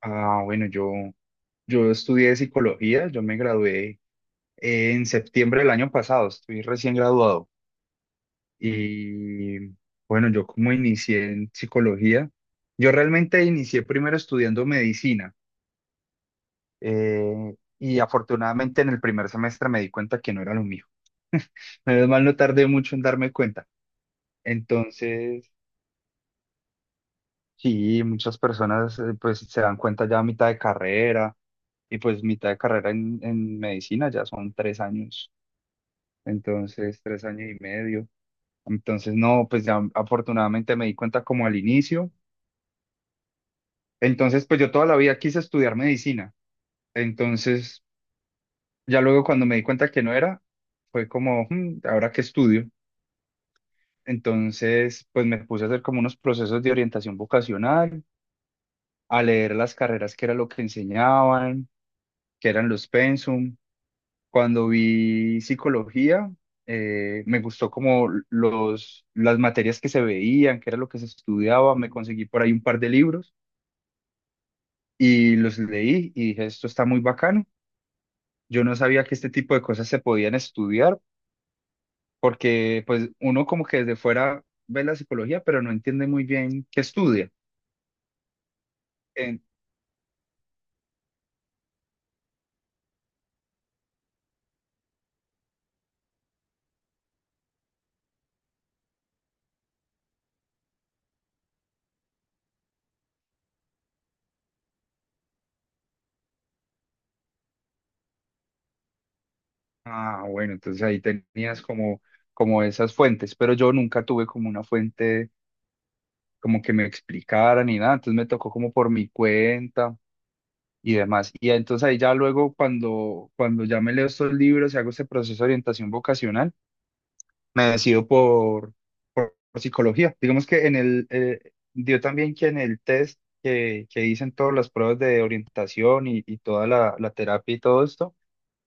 Ah, bueno, yo estudié psicología, yo me gradué en septiembre del año pasado, estoy recién graduado. Y bueno, yo como inicié en psicología, yo realmente inicié primero estudiando medicina y afortunadamente en el primer semestre me di cuenta que no era lo mío. Menos mal no tardé mucho en darme cuenta. Entonces, sí, muchas personas pues se dan cuenta ya a mitad de carrera y pues mitad de carrera en medicina ya son tres años, entonces tres años y medio. Entonces, no, pues ya afortunadamente me di cuenta como al inicio. Entonces, pues yo toda la vida quise estudiar medicina. Entonces, ya luego cuando me di cuenta que no era, fue como, "Hmm, ¿ahora qué estudio?" Entonces, pues me puse a hacer como unos procesos de orientación vocacional, a leer las carreras, que era lo que enseñaban, que eran los pensum. Cuando vi psicología, me gustó como las materias que se veían, qué era lo que se estudiaba, me conseguí por ahí un par de libros y los leí y dije, esto está muy bacano. Yo no sabía que este tipo de cosas se podían estudiar, porque pues uno como que desde fuera ve la psicología, pero no entiende muy bien qué estudia. En- ah, bueno, entonces ahí tenías como, como esas fuentes, pero yo nunca tuve como una fuente como que me explicara ni nada, entonces me tocó como por mi cuenta y demás. Y entonces ahí ya luego cuando, cuando ya me leo estos libros y hago este proceso de orientación vocacional, me decido por psicología. Digamos que en el, dio también que en el test que dicen todas las pruebas de orientación y toda la terapia y todo esto,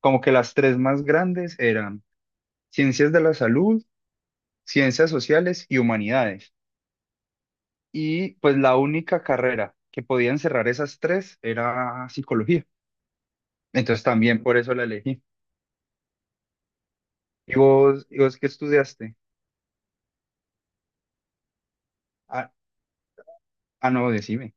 como que las tres más grandes eran ciencias de la salud, ciencias sociales y humanidades. Y pues la única carrera que podía encerrar esas tres era psicología. Entonces también por eso la elegí. Y vos qué estudiaste? Ah, ah, no, decime.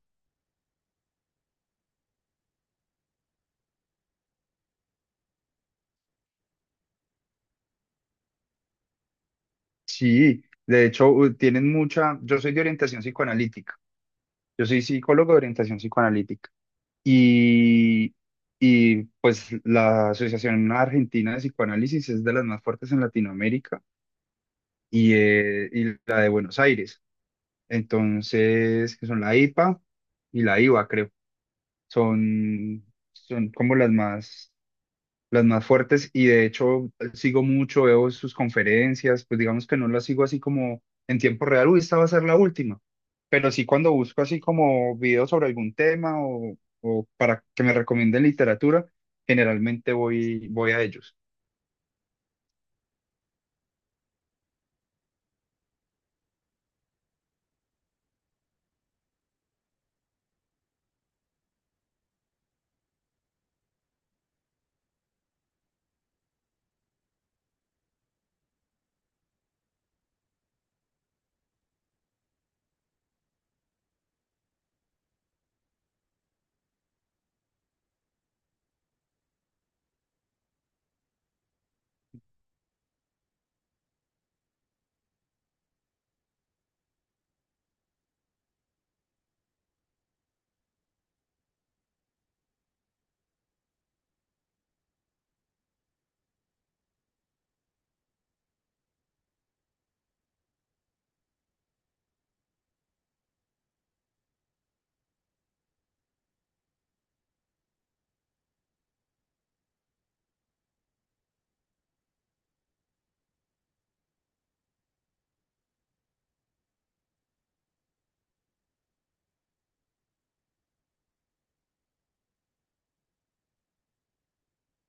Sí, de hecho, tienen mucha. Yo soy de orientación psicoanalítica. Yo soy psicólogo de orientación psicoanalítica. Y, y pues la Asociación Argentina de Psicoanálisis es de las más fuertes en Latinoamérica y la de Buenos Aires. Entonces, que son la IPA y la IVA, creo. Son, Son como las más, las más fuertes, y de hecho sigo mucho, veo sus conferencias, pues digamos que no las sigo así como en tiempo real, uy, esta va a ser la última, pero sí cuando busco así como videos sobre algún tema, o para que me recomienden literatura, generalmente voy a ellos.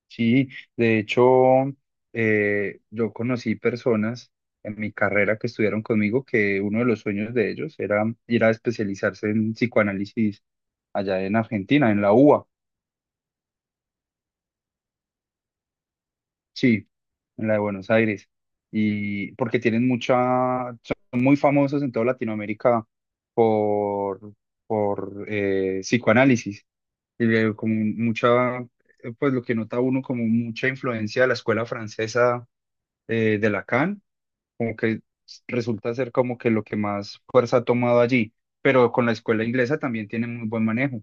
Sí, de hecho, yo conocí personas en mi carrera que estudiaron conmigo, que uno de los sueños de ellos era ir a especializarse en psicoanálisis allá en Argentina, en la UBA. Sí, en la de Buenos Aires. Y porque tienen mucha, son muy famosos en toda Latinoamérica por, por psicoanálisis. Y como mucha, pues lo que nota uno como mucha influencia de la escuela francesa, de Lacan, como que resulta ser como que lo que más fuerza ha tomado allí. Pero con la escuela inglesa también tiene muy buen manejo.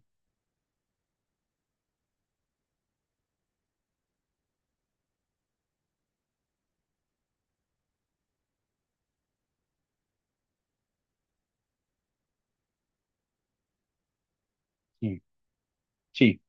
Sí, sí,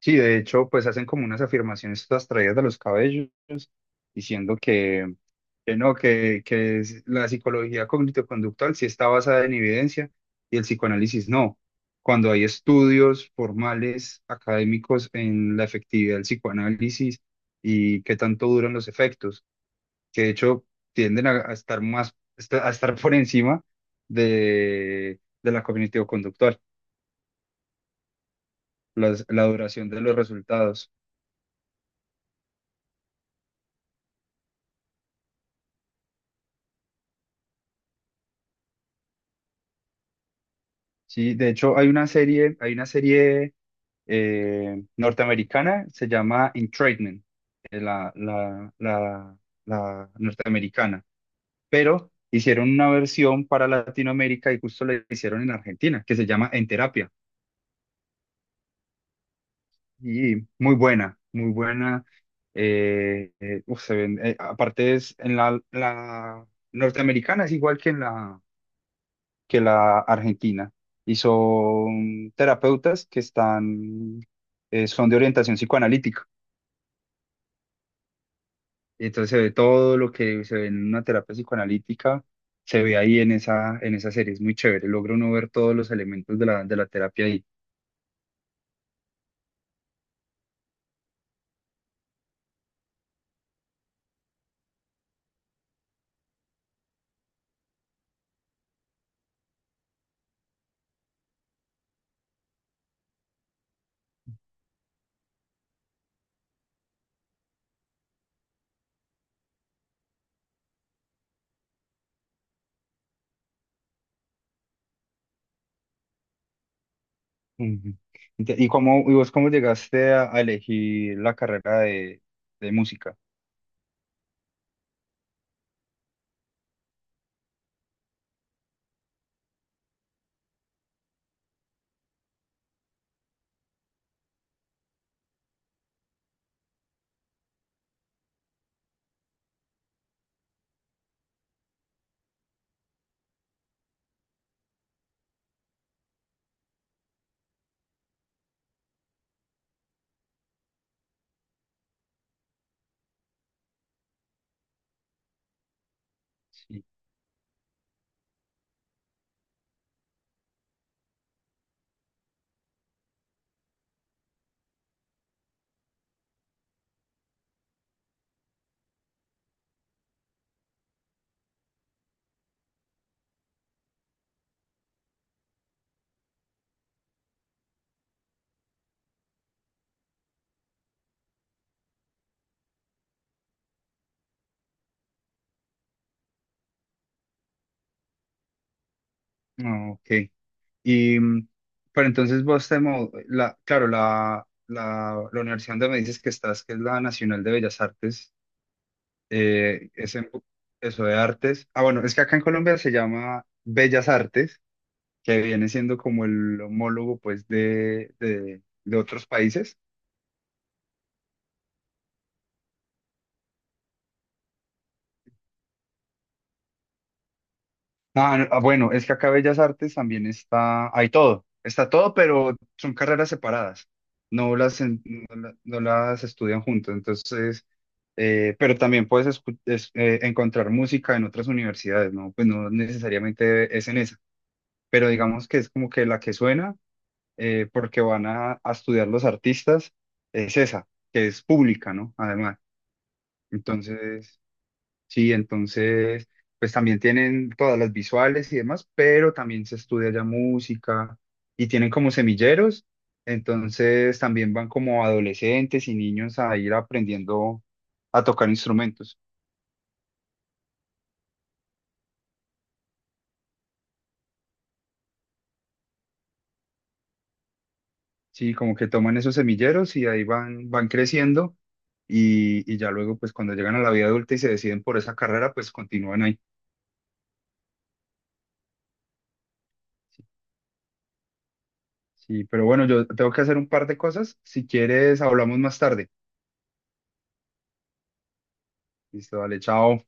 sí, de hecho, pues hacen como unas afirmaciones todas traídas de los cabellos diciendo que no, que la psicología cognitivo-conductual sí está basada en evidencia y el psicoanálisis no. Cuando hay estudios formales, académicos en la efectividad del psicoanálisis y qué tanto duran los efectos, que de hecho tienden a estar más, a estar por encima de la cognitivo-conductual, la duración de los resultados. Sí, de hecho hay una serie norteamericana, se llama Entrapment, eh, la, la, la, la norteamericana, pero hicieron una versión para Latinoamérica y justo la hicieron en Argentina, que se llama En Terapia, y muy buena, muy buena. Uf, aparte es en la norteamericana, es igual que en la, que la argentina, y son terapeutas que están, son de orientación psicoanalítica. Y entonces se ve todo lo que se ve en una terapia psicoanalítica, se ve ahí en esa serie, es muy chévere, logra uno ver todos los elementos de de la terapia ahí. Ujú. ¿Y cómo, y vos cómo llegaste a elegir la carrera de música? Sí. Ah, ok. Y, mm, pero entonces vos te, claro, la universidad donde me dices que estás, que es la Nacional de Bellas Artes, eh, es en- eso de artes. Ah, bueno, es que acá en Colombia se llama Bellas Artes, que viene siendo como el homólogo pues de otros países. Ah, no, ah, bueno, es que acá Bellas Artes también está, hay todo, está todo, pero son carreras separadas, no las, no las estudian juntos, entonces, pero también puedes encontrar música en otras universidades, ¿no? Pues no necesariamente es en esa, pero digamos que es como que la que suena, porque van a estudiar los artistas, es esa, que es pública, ¿no? Además, entonces... Sí, entonces, pues también tienen todas las visuales y demás, pero también se estudia ya música y tienen como semilleros, entonces también van como adolescentes y niños a ir aprendiendo a tocar instrumentos. Sí, como que toman esos semilleros y ahí van creciendo y ya luego, pues cuando llegan a la vida adulta y se deciden por esa carrera, pues continúan ahí. Sí, pero bueno, yo tengo que hacer un par de cosas. Si quieres, hablamos más tarde. Listo, dale, chao.